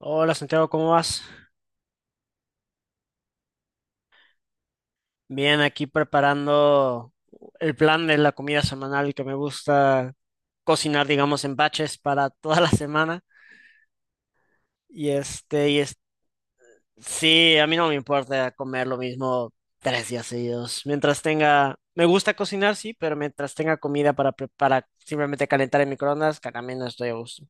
Hola Santiago, ¿cómo vas? Bien, aquí preparando el plan de la comida semanal que me gusta cocinar, digamos, en batches para toda la semana. Y este, y es, sí, a mí no me importa comer lo mismo 3 días seguidos. Mientras tenga, me gusta cocinar, sí, pero mientras tenga comida para simplemente calentar en microondas, que también no estoy a gusto.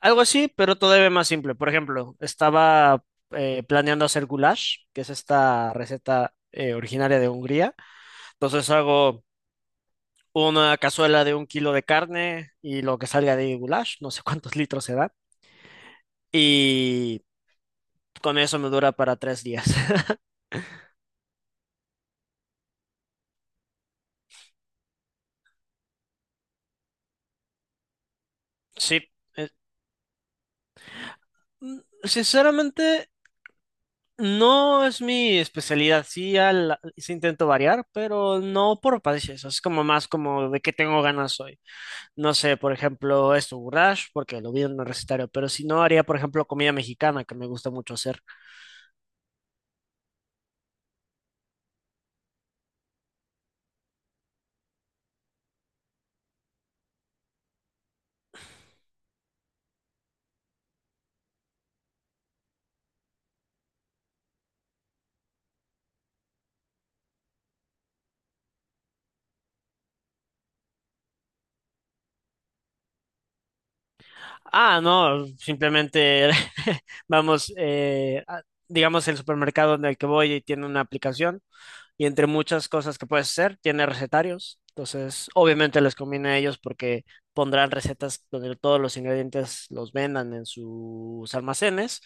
Algo así, pero todavía más simple. Por ejemplo, estaba planeando hacer goulash, que es esta receta originaria de Hungría. Entonces hago una cazuela de 1 kilo de carne y lo que salga de goulash, no sé cuántos litros se da. Y con eso me dura para 3 días. Sí, eh, sinceramente no es mi especialidad. Sí, intento variar, pero no por países. Es como más como de qué tengo ganas hoy. No sé, por ejemplo, esto, goulash, porque lo vi en el recetario, pero si no, haría, por ejemplo, comida mexicana, que me gusta mucho hacer. Ah, no, simplemente vamos, digamos, el supermercado en el que voy tiene una aplicación y entre muchas cosas que puedes hacer, tiene recetarios. Entonces, obviamente les conviene a ellos porque pondrán recetas donde todos los ingredientes los vendan en sus almacenes.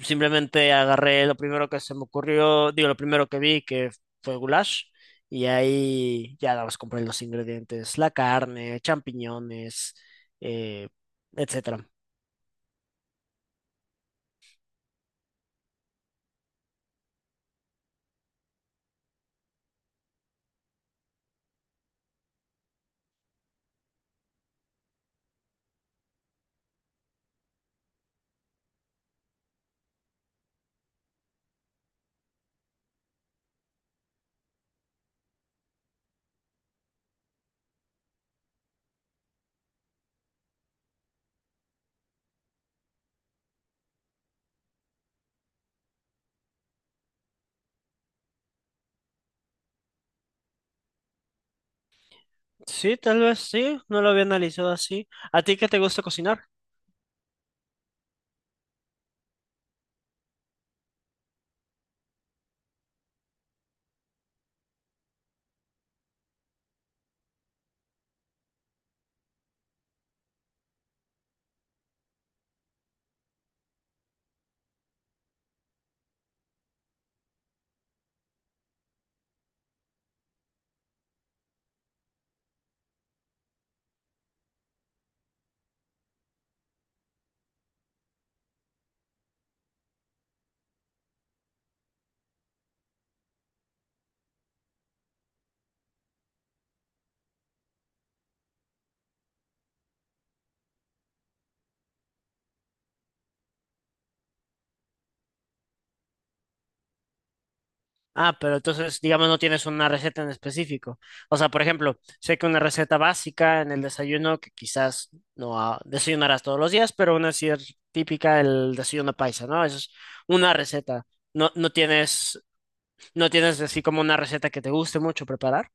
Simplemente agarré lo primero que se me ocurrió, digo, lo primero que vi que fue goulash, y ahí ya nada más compré los ingredientes, la carne, champiñones, eh, etcétera. Sí, tal vez sí, no lo había analizado así. ¿A ti qué te gusta cocinar? Ah, pero entonces, digamos, no tienes una receta en específico. O sea, por ejemplo, sé que una receta básica en el desayuno, que quizás no desayunarás todos los días, pero una sí es típica el desayuno paisa, ¿no? Eso es una receta. No, no tienes así como una receta que te guste mucho preparar.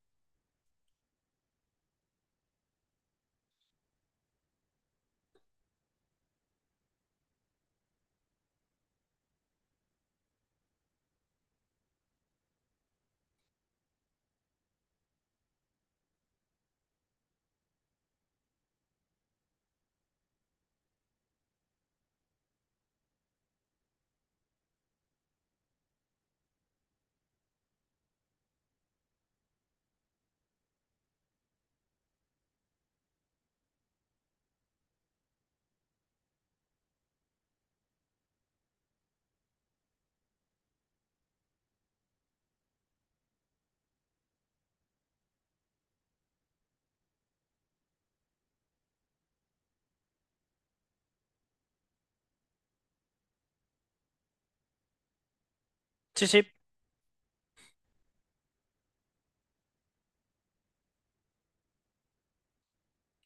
Sí, sí,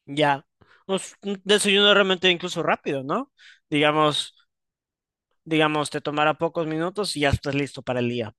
ya. Pues, un desayuno realmente incluso rápido, ¿no? Digamos, digamos, te tomará pocos minutos y ya estás listo para el día.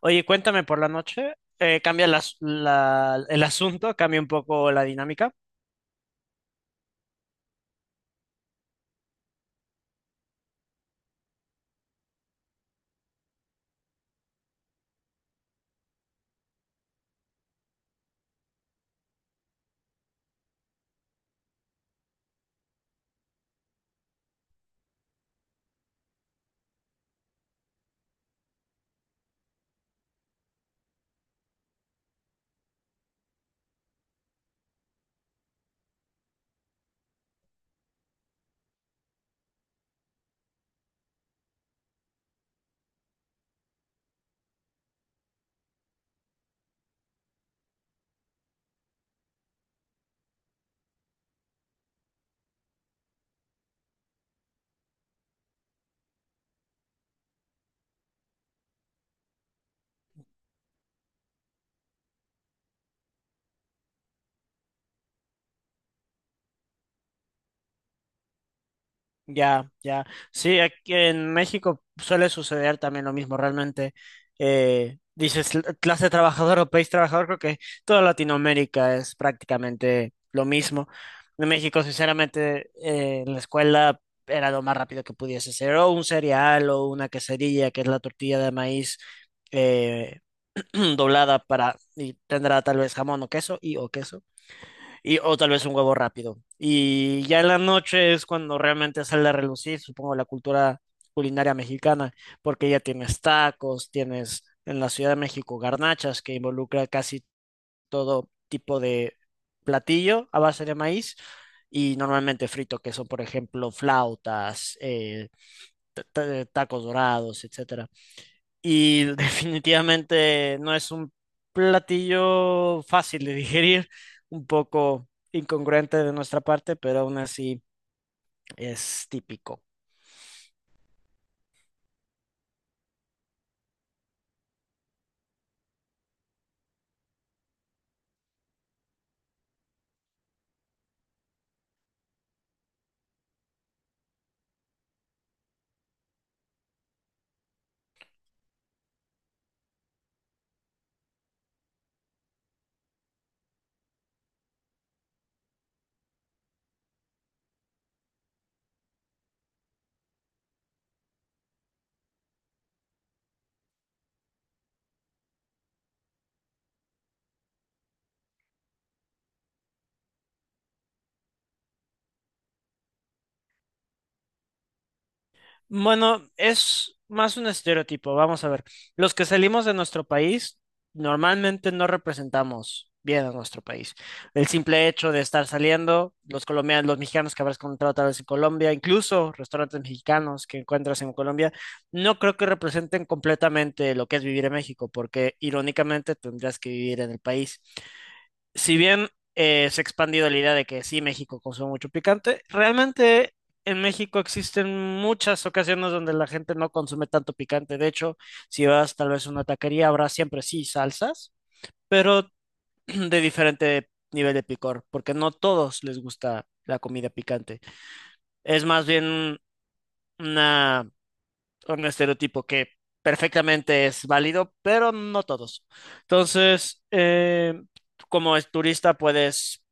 Oye, cuéntame por la noche, cambia el asunto, cambia un poco la dinámica. Ya, ya. Sí, aquí en México suele suceder también lo mismo, realmente. Eh, dices: Clase trabajadora o país trabajador", creo que toda Latinoamérica es prácticamente lo mismo. En México, sinceramente, en la escuela era lo más rápido que pudiese ser, o un cereal o una quesadilla, que es la tortilla de maíz. Eh, doblada para, y tendrá tal vez jamón o queso y o queso, y o tal vez un huevo rápido. Y ya en la noche es cuando realmente sale a relucir, supongo, la cultura culinaria mexicana, porque ya tienes tacos, tienes en la Ciudad de México garnachas que involucra casi todo tipo de platillo a base de maíz. Y normalmente frito, que son, por ejemplo, flautas, tacos dorados, etcétera, y definitivamente no es un platillo fácil de digerir, un poco incongruente de nuestra parte, pero aún así es típico. Bueno, es más un estereotipo. Vamos a ver. Los que salimos de nuestro país normalmente no representamos bien a nuestro país. El simple hecho de estar saliendo, los colombianos, los mexicanos que habrás encontrado tal vez en Colombia, incluso restaurantes mexicanos que encuentras en Colombia, no creo que representen completamente lo que es vivir en México, porque irónicamente tendrías que vivir en el país. Si bien se ha expandido la idea de que sí, México consume mucho picante, realmente en México existen muchas ocasiones donde la gente no consume tanto picante. De hecho, si vas tal vez a una taquería, habrá siempre sí salsas, pero de diferente nivel de picor, porque no todos les gusta la comida picante. Es más bien una, un estereotipo que perfectamente es válido, pero no todos. Entonces, como es turista, puedes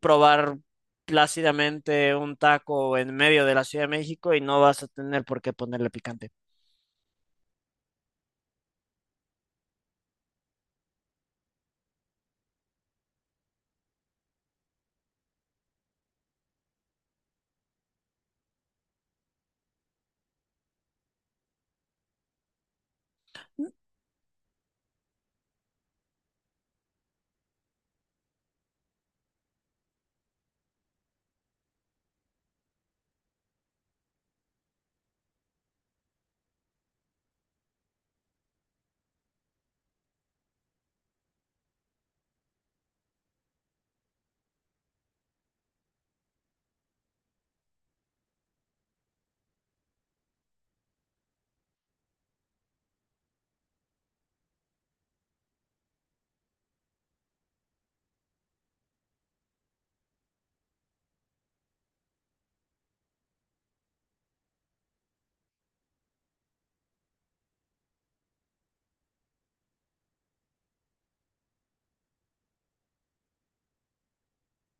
probar plácidamente un taco en medio de la Ciudad de México y no vas a tener por qué ponerle picante.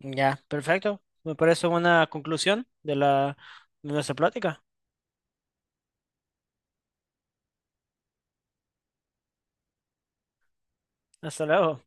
Ya, perfecto. Me parece una conclusión de la, de nuestra plática. Hasta luego.